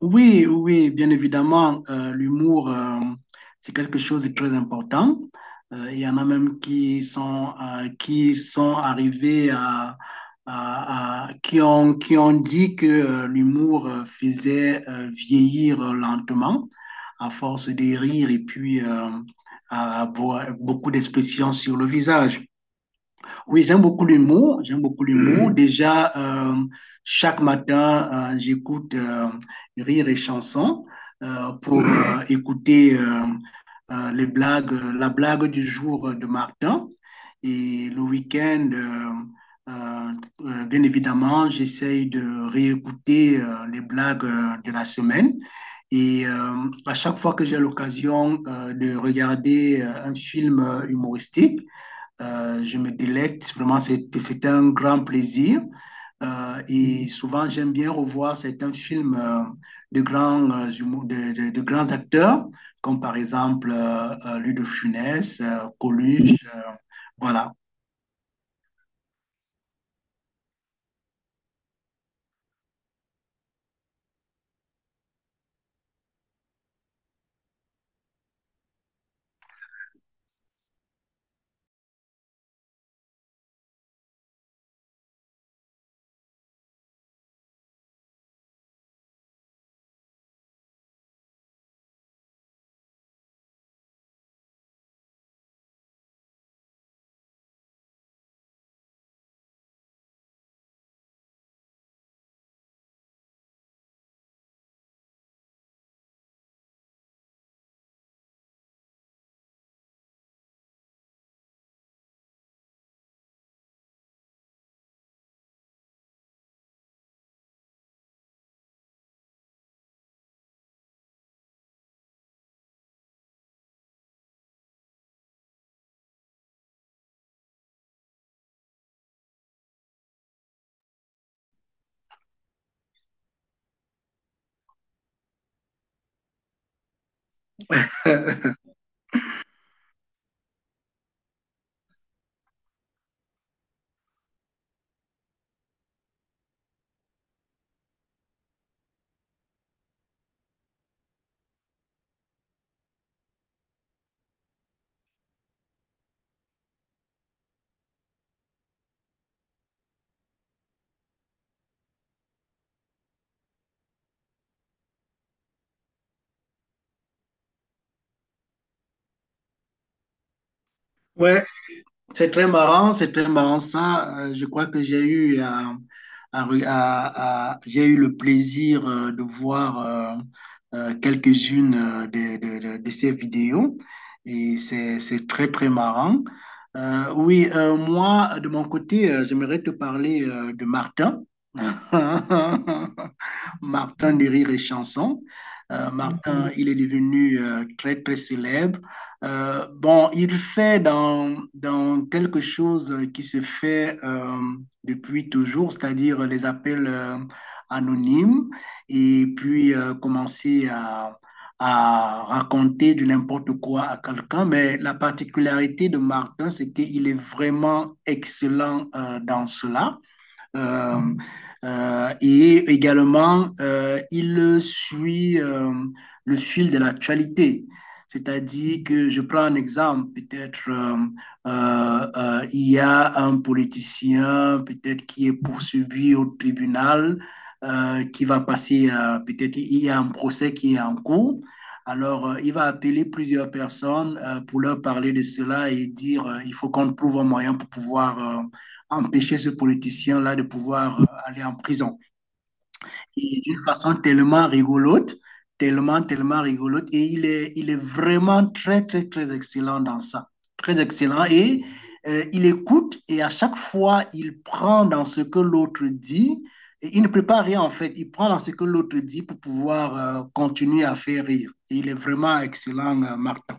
Oui, oui, bien évidemment, l'humour, c'est quelque chose de très important. Il y en a même qui sont arrivés à, qui ont dit que l'humour faisait vieillir lentement à force de rire et puis à avoir beaucoup d'expressions sur le visage. Oui, j'aime beaucoup l'humour. J'aime beaucoup l'humour. Déjà, chaque matin, j'écoute Rire et chansons pour écouter les blagues, la blague du jour de Martin. Et le week-end, bien évidemment, j'essaye de réécouter les blagues de la semaine. Et euh, à chaque fois que j'ai l'occasion de regarder un film humoristique, je me délecte. Vraiment, c'était un grand plaisir. Et souvent, j'aime bien revoir certains films de grands, de grands acteurs, comme par exemple Louis de Funès, Coluche. Voilà. Ouais, c'est très marrant, c'est très marrant ça. Je crois que j'ai eu, à re- à- j'ai eu le plaisir de voir quelques-unes de ces vidéos et c'est très, très marrant. Oui, moi, de mon côté, j'aimerais te parler de Martin. Martin de Rire et Chanson. Martin, il est devenu très, très célèbre. Bon, il fait dans, dans quelque chose qui se fait depuis toujours, c'est-à-dire les appels anonymes, et puis commencer à raconter du n'importe quoi à quelqu'un, mais la particularité de Martin, c'est qu'il est vraiment excellent dans cela. Euh, et également, il suit le fil de l'actualité. C'est-à-dire que je prends un exemple, peut-être il y a un politicien peut-être qui est poursuivi au tribunal, qui va passer, peut-être il y a un procès qui est en cours. Alors, il va appeler plusieurs personnes pour leur parler de cela et dire, il faut qu'on trouve un moyen pour pouvoir empêcher ce politicien-là de pouvoir aller en prison. Et d'une façon tellement rigolote, tellement, tellement rigolote. Et il est vraiment très, très, très excellent dans ça. Très excellent. Il écoute et à chaque fois, il prend dans ce que l'autre dit. Et il ne prépare rien en fait. Il prend dans ce que l'autre dit pour pouvoir continuer à faire rire. Et il est vraiment excellent, Martin.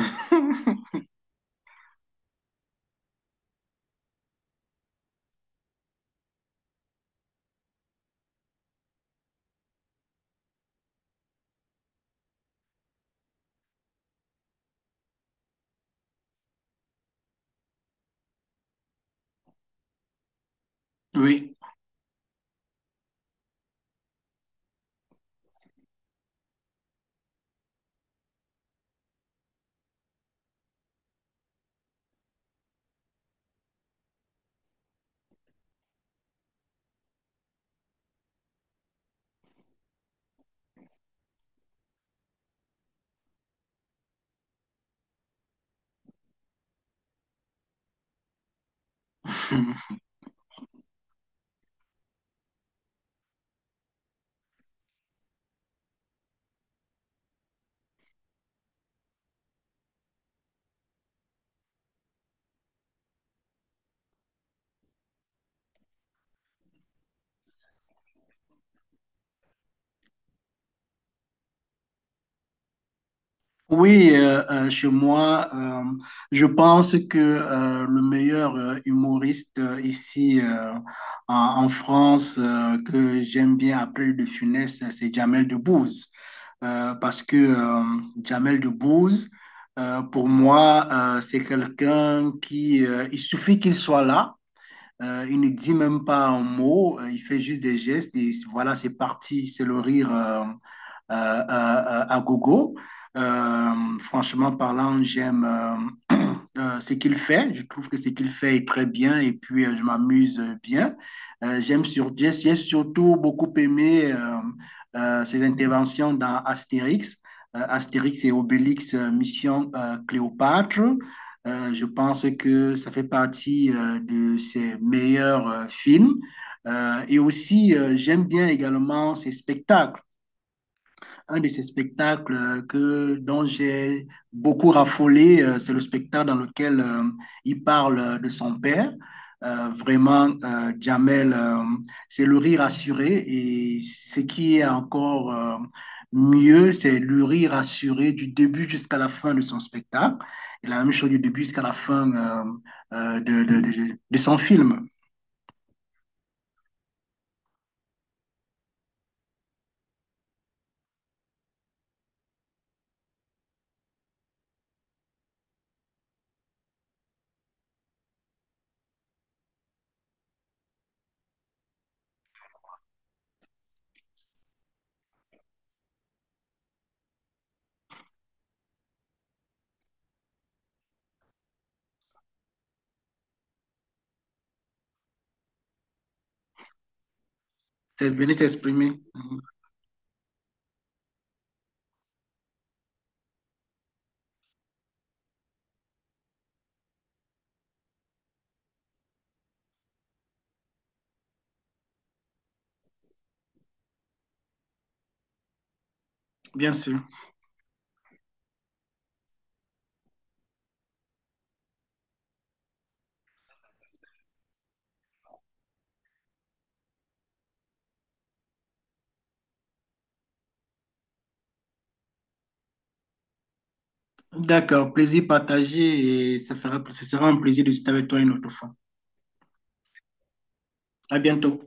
oui. Oui, chez moi, je pense que le meilleur humoriste ici en, en France que j'aime bien après De Funès, c'est Jamel Debbouze. Parce que Jamel Debbouze, pour moi, c'est quelqu'un qui, il suffit qu'il soit là. Il ne dit même pas un mot, il fait juste des gestes et voilà, c'est parti, c'est le rire. À gogo. Euh, Franchement parlant, j'aime ce qu'il fait. Je trouve que ce qu'il fait est très bien et puis je m'amuse bien. J'aime sur, j'ai surtout beaucoup aimé ses interventions dans Astérix. Astérix et Obélix, Mission Cléopâtre. Je pense que ça fait partie de ses meilleurs films. Et aussi, j'aime bien également ses spectacles. Un de ces spectacles que, dont j'ai beaucoup raffolé, c'est le spectacle dans lequel il parle de son père. Vraiment, Jamel, c'est le rire assuré. Et ce qui est encore mieux, c'est le rire assuré du début jusqu'à la fin de son spectacle. Et la même chose du début jusqu'à la fin de, de son film. C'est venir s'exprimer, mhm. Bien sûr. D'accord, plaisir partagé et ça fera, ce sera un plaisir de discuter avec toi une autre fois. À bientôt.